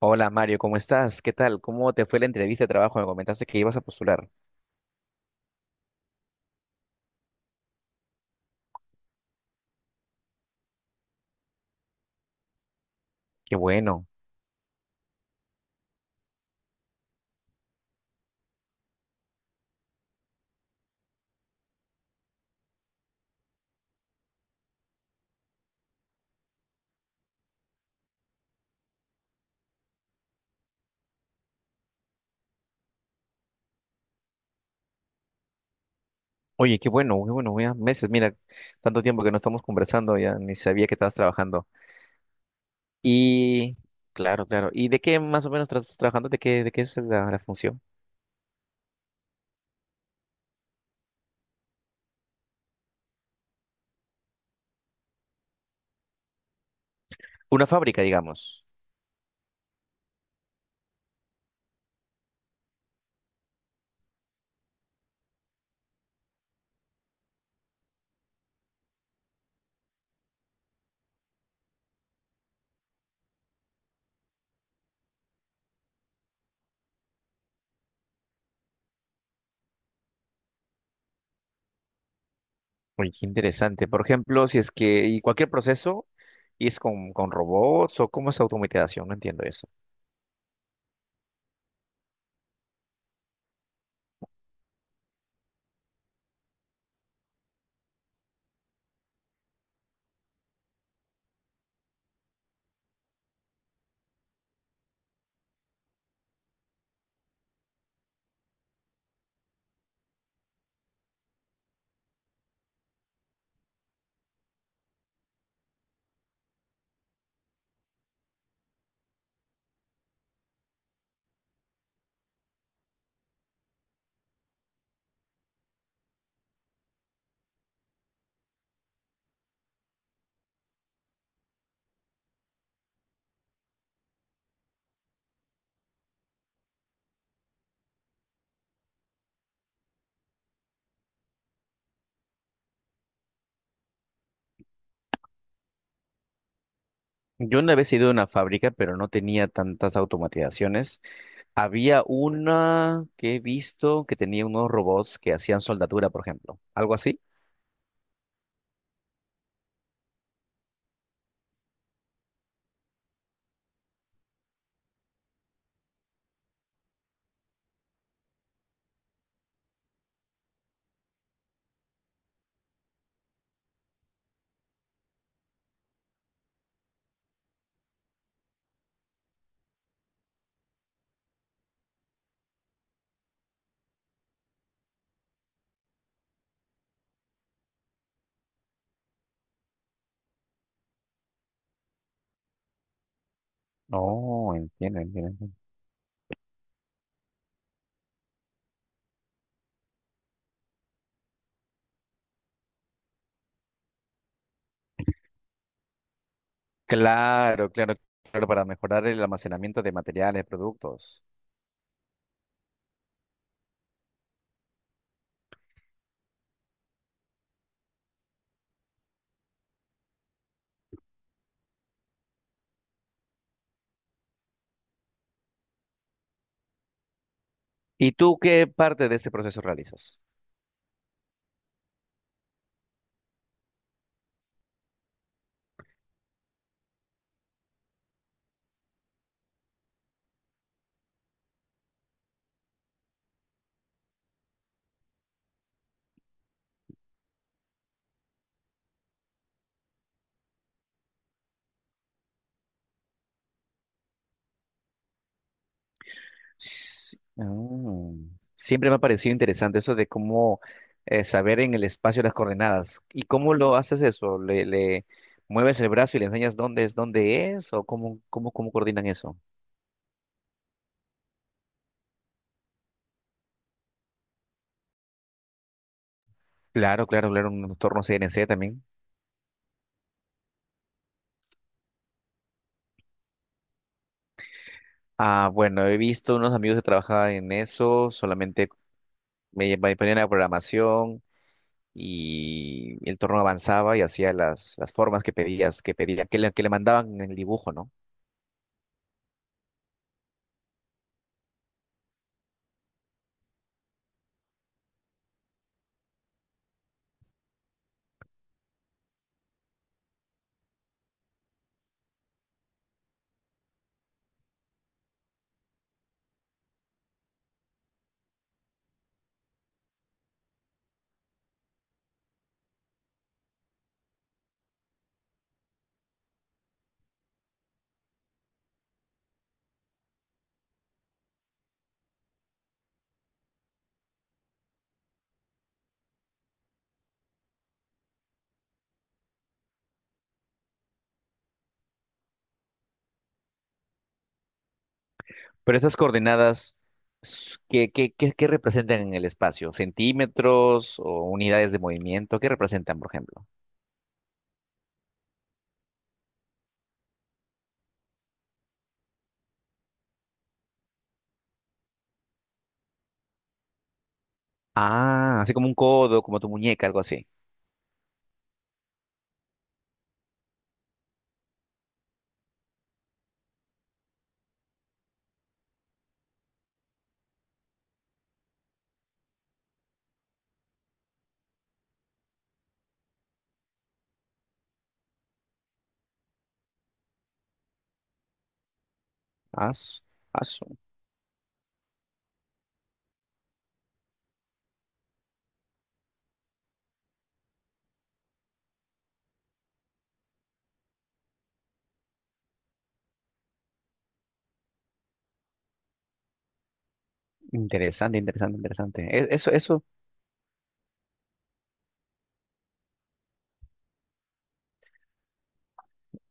Hola Mario, ¿cómo estás? ¿Qué tal? ¿Cómo te fue la entrevista de trabajo? Me comentaste que ibas a postular. Qué bueno. Oye, qué bueno, ya meses, mira, tanto tiempo que no estamos conversando, ya ni sabía que estabas trabajando. Y, claro, claro. ¿Y de qué más o menos estás trabajando? De qué es la función? Una fábrica, digamos. Oye, qué interesante. Por ejemplo, si es que, y cualquier proceso, ¿y es con robots o cómo es automatización? No entiendo eso. Yo una vez he ido a una fábrica, pero no tenía tantas automatizaciones. Había una que he visto que tenía unos robots que hacían soldadura, por ejemplo. ¿Algo así? No, entiendo, entiendo, entiendo. Claro, claro, claro, para mejorar el almacenamiento de materiales, productos. ¿Y tú qué parte de este proceso realizas? Mm. Siempre me ha parecido interesante eso de cómo saber en el espacio las coordenadas. ¿Y cómo lo haces eso? ¿Le mueves el brazo y le enseñas dónde es, dónde es? ¿O cómo, cómo, cómo coordinan eso? Claro, claro, claro, un entorno CNC también. Ah, bueno, he visto unos amigos que trabajaban en eso, solamente me ponían la programación y el entorno avanzaba y hacía las formas que pedías, que pedía, que le mandaban en el dibujo, ¿no? Pero esas coordenadas, ¿qué, qué, qué, qué representan en el espacio? ¿Centímetros o unidades de movimiento? ¿Qué representan, por ejemplo? Ah, así como un codo, como tu muñeca, algo así. Ah, su- ah, su- Interesante, interesante, interesante. Eso, eso.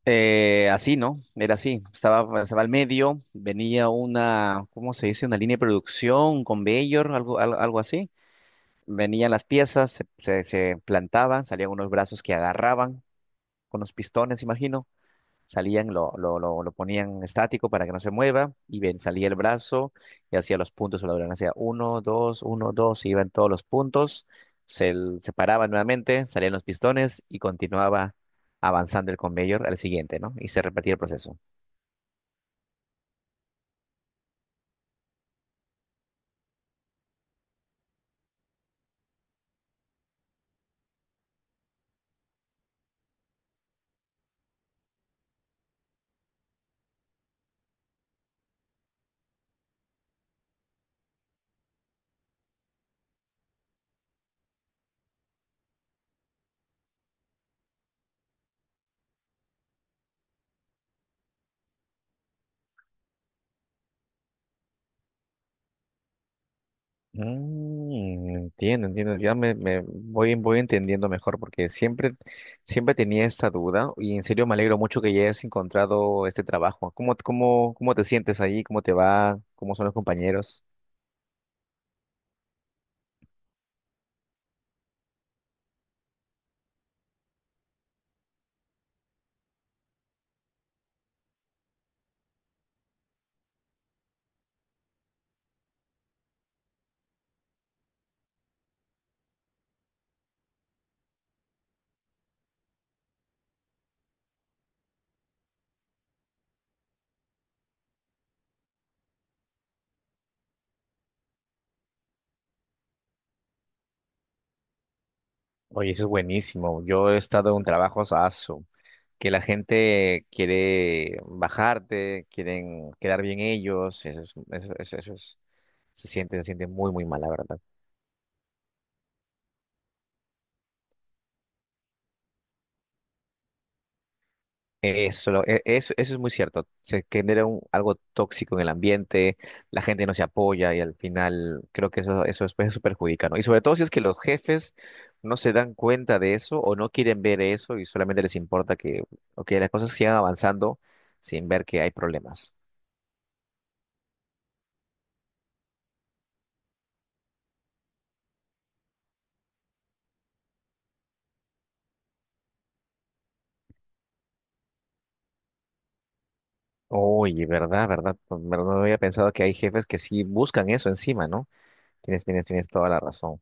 Así, ¿no? Era así. Estaba al medio, venía una, ¿cómo se dice? Una línea de producción con Bayor, algo, algo, así. Venían las piezas, se plantaban, salían unos brazos que agarraban con los pistones, imagino, salían, lo ponían estático para que no se mueva, y ven, salía el brazo y hacía los puntos sobre la lona, hacía uno, dos, uno, dos, y iban todos los puntos, se, se, nuevamente, salían los pistones y continuaba avanzando el conveyor al siguiente, ¿no? Y se repetía el proceso. Mm, entiendo, entiendo, ya me voy, voy entendiendo mejor porque siempre, siempre tenía esta duda y en serio me alegro mucho que ya hayas encontrado este trabajo. ¿Cómo, cómo, cómo te sientes ahí? ¿Cómo te va? ¿Cómo son los compañeros? Oye, eso es buenísimo. Yo he estado en un trabajo aso, que la gente quiere bajarte, quieren quedar bien ellos. Eso es, eso, se siente muy, muy mal, la verdad. Eso, eso, eso es muy cierto. Se genera algo tóxico en el ambiente, la gente no se apoya y al final creo que eso después se perjudica, ¿no? Y sobre todo si es que los jefes no se dan cuenta de eso o no quieren ver eso y solamente les importa que, ok, las cosas sigan avanzando sin ver que hay problemas. Oye, verdad, verdad, pero no había pensado que hay jefes que sí buscan eso encima, ¿no? Tienes, tienes, tienes toda la razón.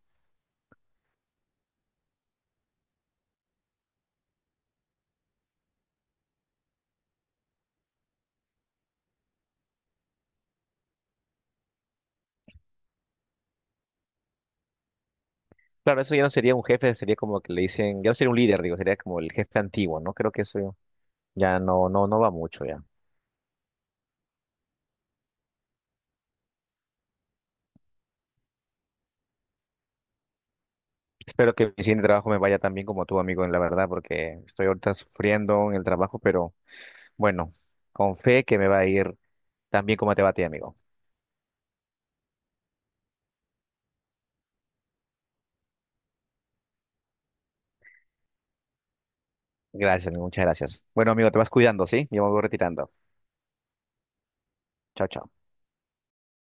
Claro, eso ya no sería un jefe, sería como que le dicen, ya no sería un líder, digo, sería como el jefe antiguo, ¿no? Creo que eso ya no va mucho ya. Espero que mi siguiente trabajo me vaya tan bien como tú, amigo, en la verdad, porque estoy ahorita sufriendo en el trabajo, pero bueno, con fe que me va a ir tan bien como te va a ti, amigo. Gracias, amigo, muchas gracias. Bueno, amigo, te vas cuidando, ¿sí? Yo me voy retirando. Chao, chao.